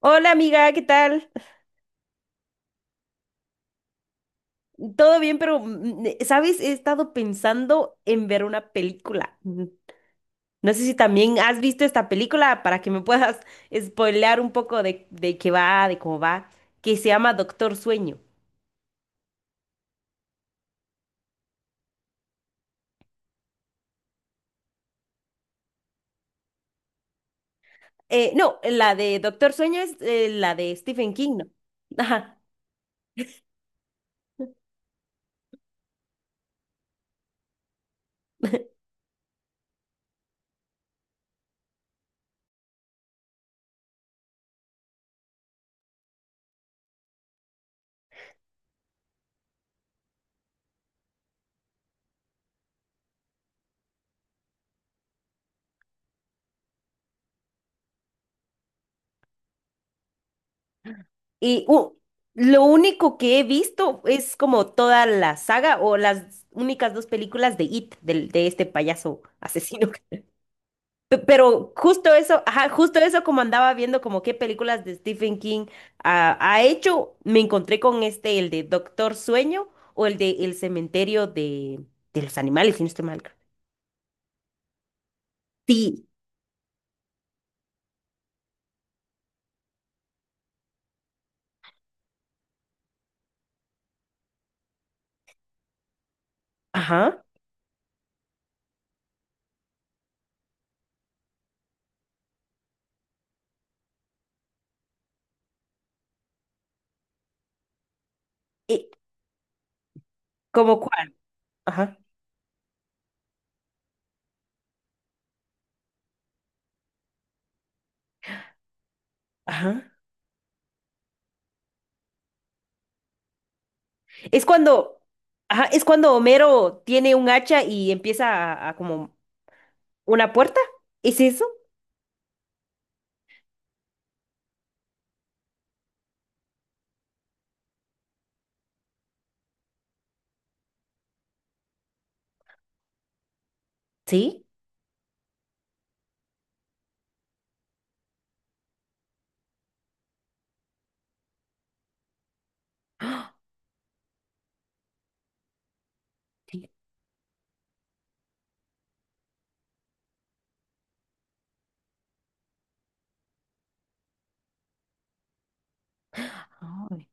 Hola amiga, ¿qué tal? Todo bien, pero ¿sabes? He estado pensando en ver una película. No sé si también has visto esta película para que me puedas spoilear un poco de qué va, de cómo va, que se llama Doctor Sueño. No, la de Doctor Sueño es la de Stephen King, ¿no? Ajá. Y uh, lo único que he visto es como toda la saga o las únicas dos películas de It, del de este payaso asesino. Pero justo eso, ajá, justo eso como andaba viendo como qué películas de Stephen King ha hecho, me encontré con este, el de Doctor Sueño o el de El Cementerio de los Animales, si no estoy mal. Sí, ajá. Eh, ¿Cómo cuál? Ajá, ajá. Es cuando, ajá, es cuando Homero tiene un hacha y empieza a como una puerta. ¿Es eso? Sí. ¡Ah! Sí.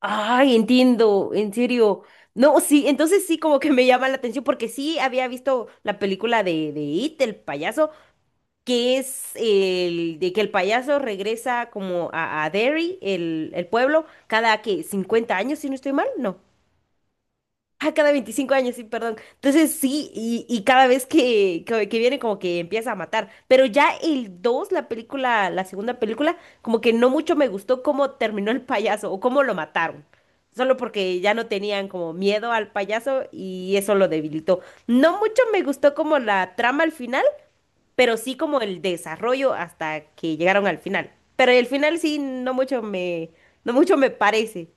Ay, entiendo, en serio. No, sí, entonces sí como que me llama la atención porque sí había visto la película de It, el payaso, que es el de que el payaso regresa como a Derry, el pueblo, cada que 50 años, si no estoy mal. No, ah, cada 25 años, sí, perdón. Entonces sí, y cada vez que viene como que empieza a matar. Pero ya el 2 la película, la segunda película, como que no mucho me gustó cómo terminó el payaso o cómo lo mataron. Solo porque ya no tenían como miedo al payaso y eso lo debilitó. No mucho me gustó como la trama al final, pero sí como el desarrollo hasta que llegaron al final. Pero el final sí, no mucho me parece.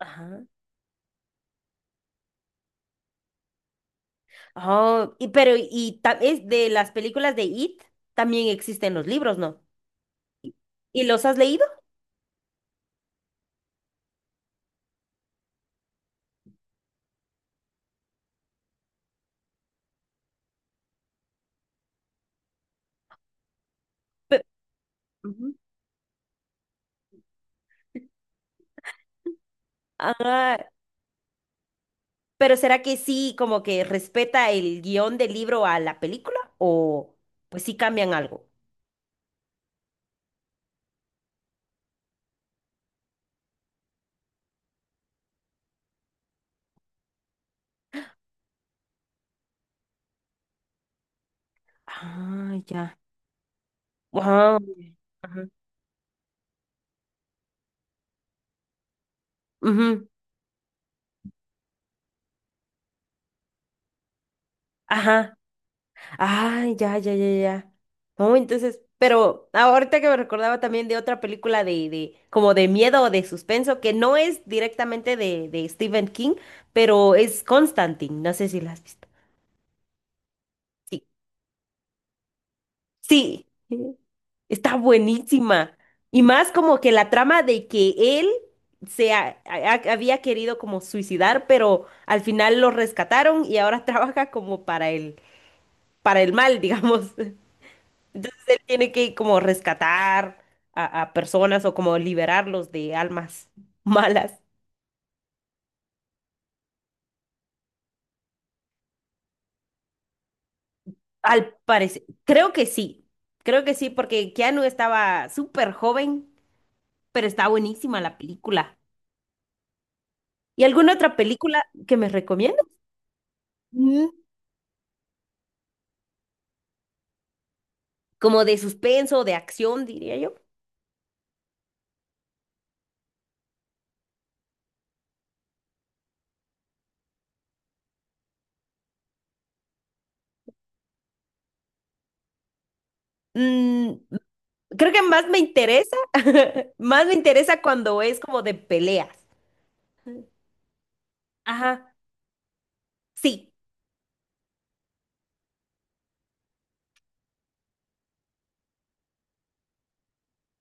Ajá. Es de las películas de It también existen los libros, ¿no? ¿Y ¿Y los has leído? Pe- Ujú. Ah, pero ¿será que sí como que respeta el guión del libro a la película o pues sí cambian algo? Ah, ya. Wow. Ajá. Ujú. Ajá. Ay, ya, ya, ya, ya. No, entonces, pero ahorita que me recordaba también de otra película como de miedo o de suspenso, que no es directamente de Stephen King, pero es Constantine. No sé si la has visto. Sí, sí, está buenísima. Y más como que la trama de que él había querido como suicidar, pero al final lo rescataron y ahora trabaja como para para el mal, digamos. Entonces él tiene que como rescatar a personas o como liberarlos de almas malas. Al parecer, creo que sí, porque Keanu estaba súper joven, pero está buenísima la película. ¿Y alguna otra película que me recomienda? Mm, como de suspenso, de acción, diría yo. Mm, Creo que más me interesa cuando es como de peleas. Ajá, sí,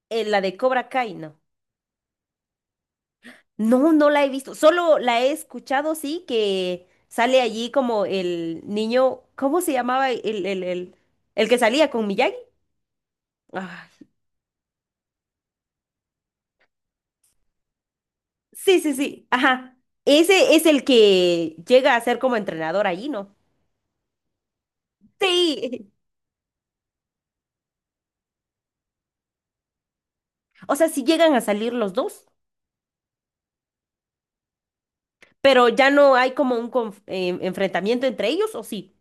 la de Cobra Kai, ¿no? No, no la he visto. Solo la he escuchado, sí, que sale allí como el niño, ¿cómo se llamaba? El que salía con Miyagi. Ah, sí. Ajá. Ese es el que llega a ser como entrenador allí, ¿no? Sí. O sea, sí llegan a salir los dos, pero ya no hay como un enfrentamiento entre ellos, ¿o sí?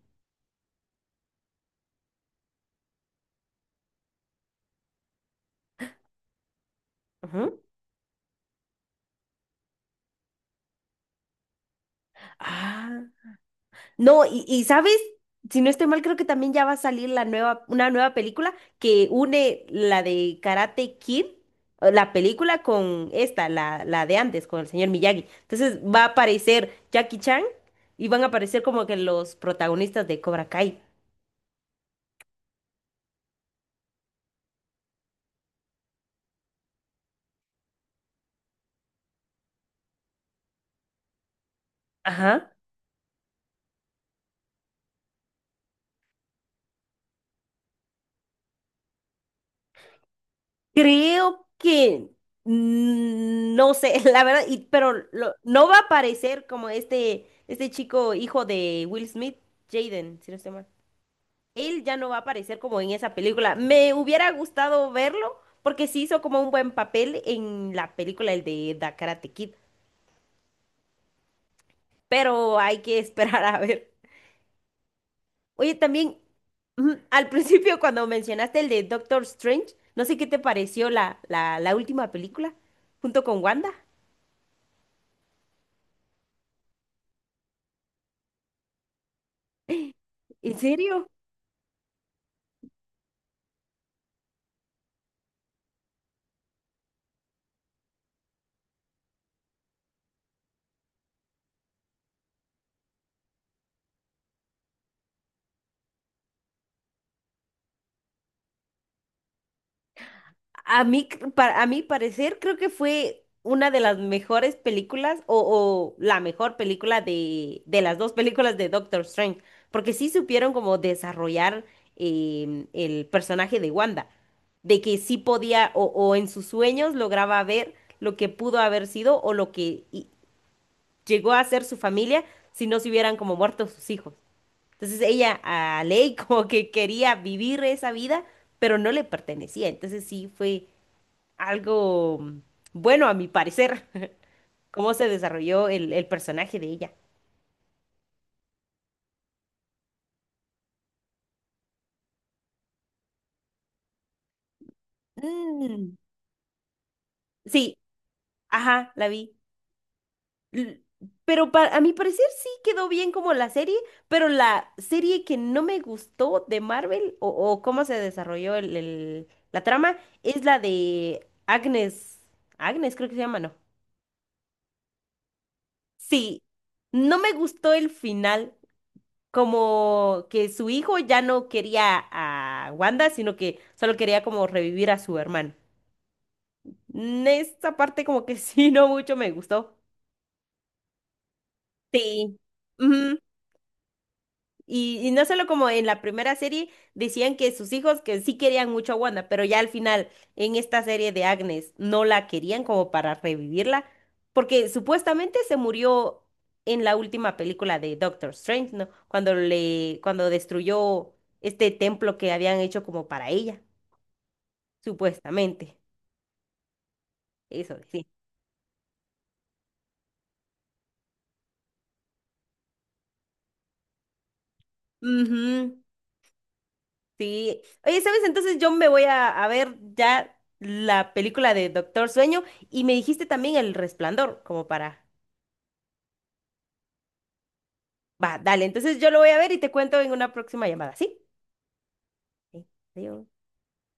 Ujú. Ah. No, y sabes, si no estoy mal, creo que también ya va a salir una nueva película que une la de Karate Kid, la película con esta, la de antes, con el señor Miyagi. Entonces va a aparecer Jackie Chan y van a aparecer como que los protagonistas de Cobra Kai. Ajá. Creo que mm, no sé, la verdad, y, pero no va a aparecer como este chico hijo de Will Smith, Jaden, si no estoy mal. Él ya no va a aparecer como en esa película. Me hubiera gustado verlo porque sí hizo como un buen papel en la película, el de The Karate Kid, pero hay que esperar a ver. Oye, también ujú, al principio cuando mencionaste el de Doctor Strange, no sé qué te pareció la última película junto con Wanda. ¿En serio? A mí, a mi parecer, creo que fue una de las mejores películas o la mejor película de las dos películas de Doctor Strange, porque sí supieron como desarrollar em, el personaje de Wanda, de que sí podía o en sus sueños lograba ver lo que pudo haber sido o lo que llegó a ser su familia si no se hubieran como muerto sus hijos. Entonces ella a Ley como que quería vivir esa vida, pero no le pertenecía. Entonces sí fue algo mm, bueno a mi parecer, cómo se desarrolló el personaje de ella. Mm, sí, ajá, la vi. L- pero a mi parecer sí quedó bien como la serie, pero la serie que no me gustó de Marvel o cómo se desarrolló la trama es la de Agnes. Agnes creo que se llama, ¿no? Sí, no me gustó el final. Como que su hijo ya no quería a Wanda, sino que solo quería como revivir a su hermano. Mm, esta parte como que sí, no mucho me gustó. Sí. Y no solo como en la primera serie decían que sus hijos que sí querían mucho a Wanda, pero ya al final en esta serie de Agnes no la querían como para revivirla, porque supuestamente se murió en la última película de Doctor Strange, ¿no? Cuando le, cuando destruyó este templo que habían hecho como para ella, supuestamente. Eso sí. Sí. Oye, ¿sabes? Entonces yo me voy a ver ya la película de Doctor Sueño y me dijiste también El Resplandor, como para... Va, dale, entonces yo lo voy a ver y te cuento en una próxima llamada, ¿sí? Sí. Adiós.